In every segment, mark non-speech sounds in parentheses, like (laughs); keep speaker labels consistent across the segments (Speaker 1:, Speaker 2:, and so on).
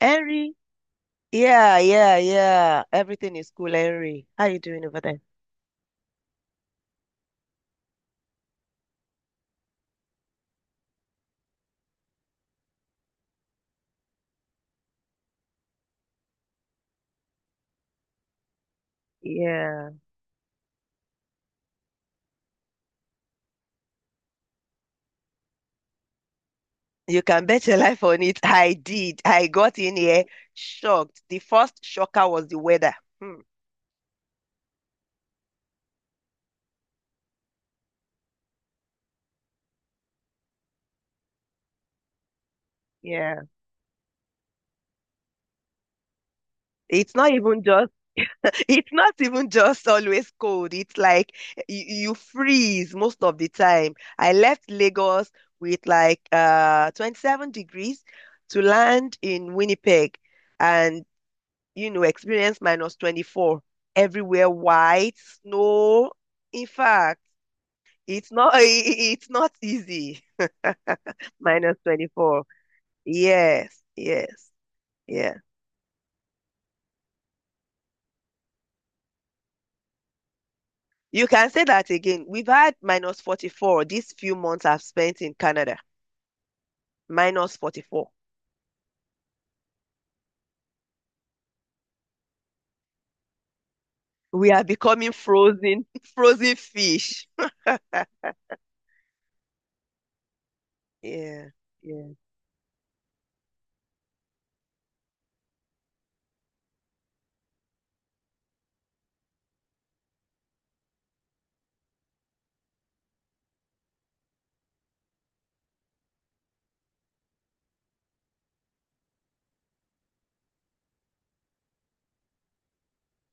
Speaker 1: Henry. Yeah, yeah, yeah. Everything is cool, Henry. How you doing over there? Yeah. You can bet your life on it. I did. I got in here shocked. The first shocker was the weather. Hmm. Yeah. It's not even just (laughs) it's not even just always cold. It's like you freeze most of the time. I left Lagos with like 27 degrees to land in Winnipeg. And experience minus 24, everywhere white, snow. In fact, it's not (laughs) it's not easy. Minus 24. Yes, yes, yeah. You can say that again. We've had minus 44 these few months I've spent in Canada. Minus 44. We are becoming (laughs) frozen fish. Yeah, yeah,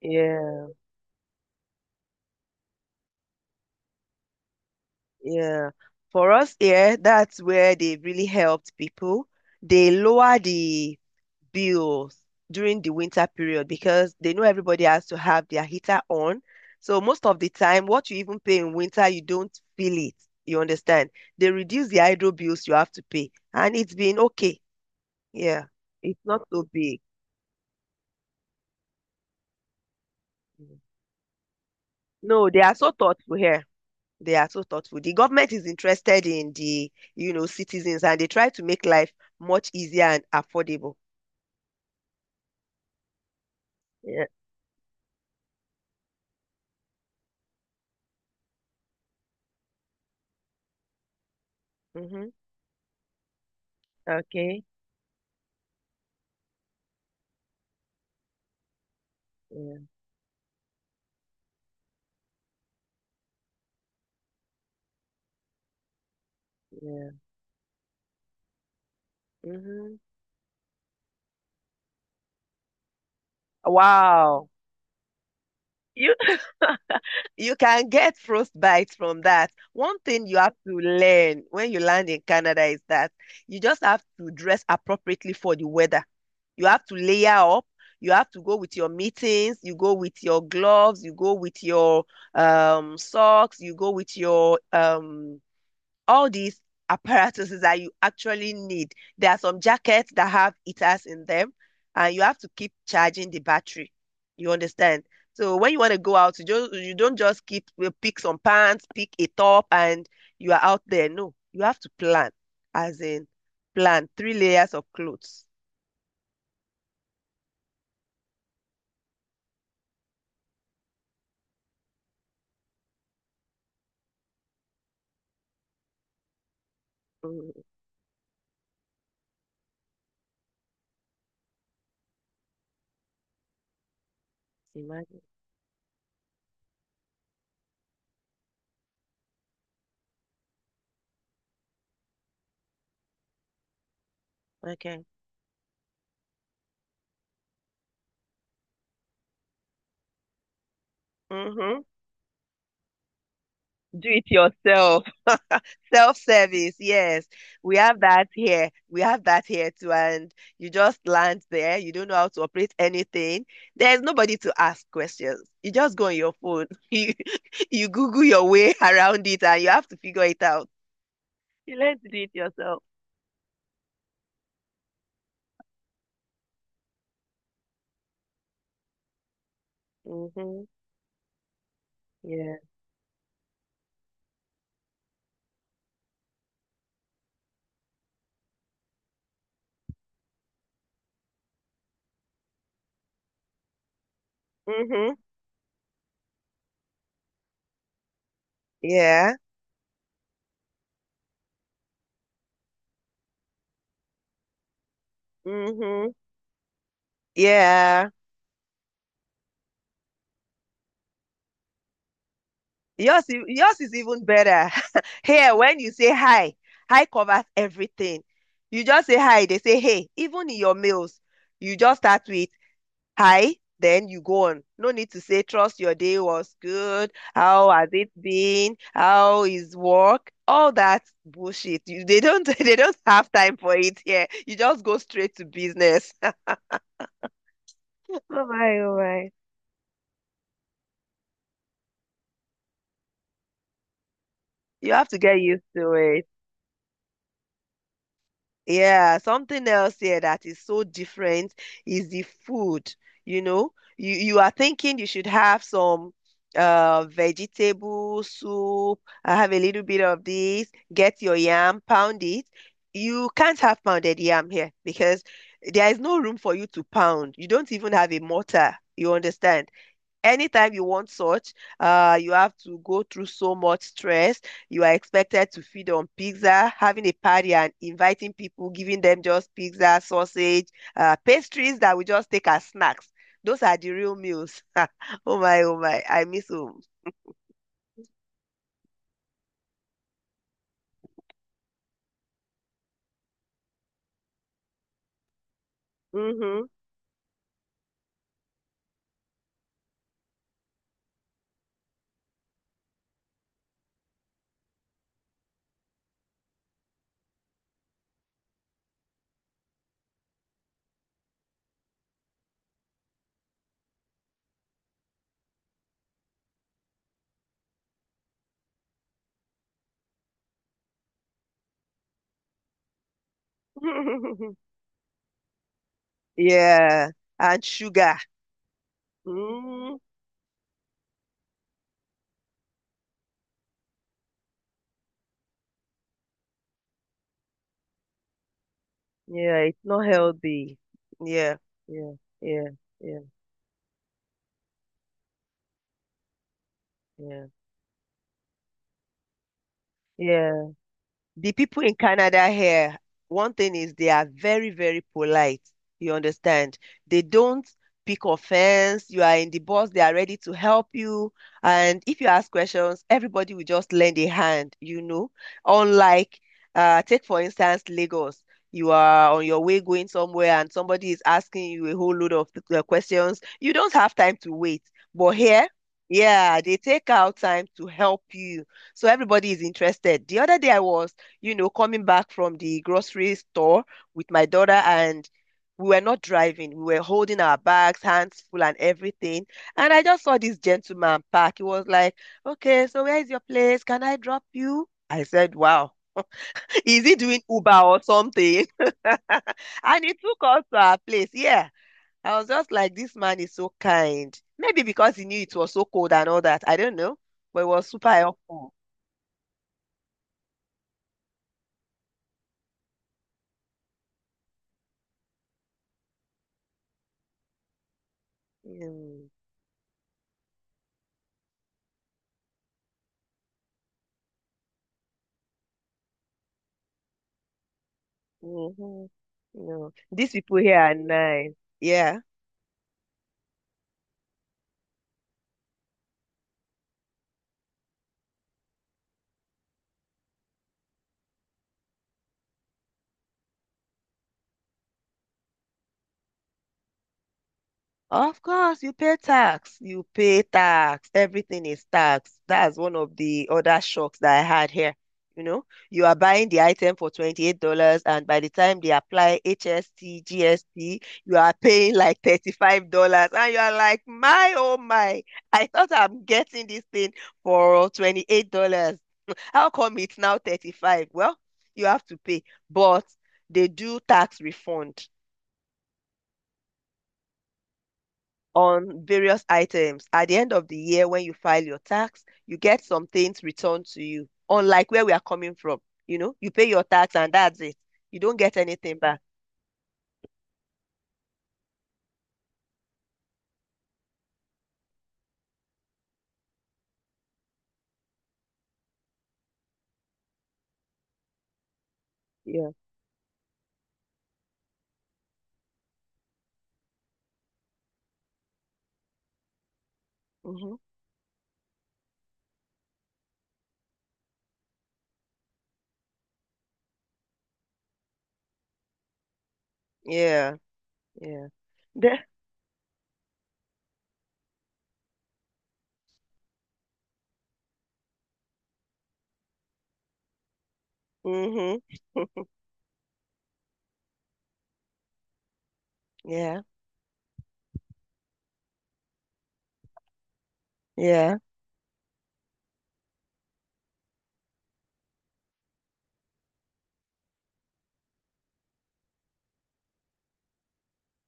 Speaker 1: yeah, yeah. For us here, yeah, that's where they really helped people. They lower the bills during the winter period because they know everybody has to have their heater on. So most of the time, what you even pay in winter, you don't feel it. You understand? They reduce the hydro bills you have to pay, and it's been okay. Yeah, it's not so big. Mm. No, they are so thoughtful here. They are so thoughtful. The government is interested in the, citizens, and they try to make life much easier and affordable. Yeah. Mm-hmm. Okay. Yeah. Yeah. Mm-hmm. Wow. You (laughs) You can get frostbite from that. One thing you have to learn when you land in Canada is that you just have to dress appropriately for the weather. You have to layer up. You have to go with your mittens, you go with your gloves, you go with your socks, you go with your all these apparatuses that you actually need. There are some jackets that have heaters in them, and you have to keep charging the battery. You understand? So when you want to go out, you don't just keep pick some pants, pick a top, and you are out there. No, you have to plan, as in plan three layers of clothes. Mm, imagine. Okay. Mm-hmm. Do it yourself. (laughs) Self-service, yes. We have that here. We have that here too. And you just land there. You don't know how to operate anything. There's nobody to ask questions. You just go on your phone. (laughs) You Google your way (laughs) around it and you have to figure it out. You learn to do it yourself. Mm-hmm. Yeah. Mm-hmm. Yeah. Mm-hmm. Yeah. Yours, yours is even better. (laughs) Here, when you say hi, hi covers everything. You just say hi, they say hey. Even in your mails, you just start with hi, then you go on. No need to say trust your day was good. How has it been? How is work? All that bullshit. They don't (laughs) they don't have time for it here. You just go straight to business. (laughs) Oh my, oh my. You have to get used to it. Yeah, something else here that is so different is the food. You know, you are thinking you should have some vegetable soup, I have a little bit of this, get your yam, pound it. You can't have pounded yam here because there is no room for you to pound. You don't even have a mortar. You understand? Anytime you want such, you have to go through so much stress. You are expected to feed on pizza, having a party and inviting people, giving them just pizza, sausage, pastries that we just take as snacks. Those are the real meals. (laughs) Oh my, oh my, I miss home. Hmm. (laughs) Yeah, and sugar. Mm, yeah, it's not healthy. Yeah, yeah, yeah, yeah, yeah, yeah. The people in Canada here, one thing is they are very, very polite. You understand? They don't pick offense. You are in the bus, they are ready to help you. And if you ask questions, everybody will just lend a hand. Unlike, take for instance, Lagos. You are on your way going somewhere and somebody is asking you a whole load of questions. You don't have time to wait. But here, yeah, they take out time to help you. So everybody is interested. The other day I was coming back from the grocery store with my daughter and we were not driving. We were holding our bags, hands full and everything. And I just saw this gentleman park. He was like, okay, so where is your place? Can I drop you? I said, wow. (laughs) Is he doing Uber or something? (laughs) And he took us to our place. Yeah. I was just like, this man is so kind. Maybe because he knew it was so cold and all that. I don't know. But it was super helpful. Yeah. Hmm. No, these people here are nice. Yeah. Of course, you pay tax. You pay tax. Everything is tax. That's one of the other shocks that I had here. You know, you are buying the item for $28, and by the time they apply HST, GST, you are paying like $35. And you are like, my, oh my, I thought I'm getting this thing for $28. (laughs) How come it's now 35? Well, you have to pay, but they do tax refund on various items. At the end of the year, when you file your tax, you get some things returned to you, unlike where we are coming from. You know, you pay your tax and that's it. You don't get anything back. Yeah. Hmm. Yeah. Yeah. (laughs) The, hmm. Yeah. Yeah.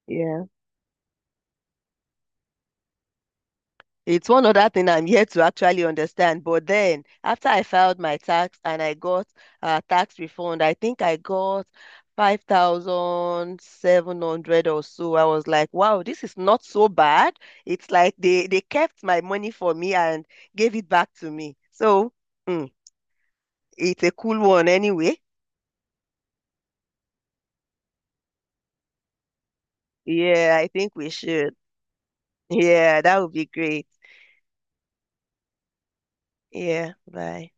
Speaker 1: Yeah. It's one other thing I'm yet to actually understand. But then, after I filed my tax and I got a tax refund, I think I got 5,700 or so. I was like, wow, this is not so bad. It's like they kept my money for me and gave it back to me. So, mm, it's a cool one anyway. Yeah, I think we should. Yeah, that would be great. Yeah, bye.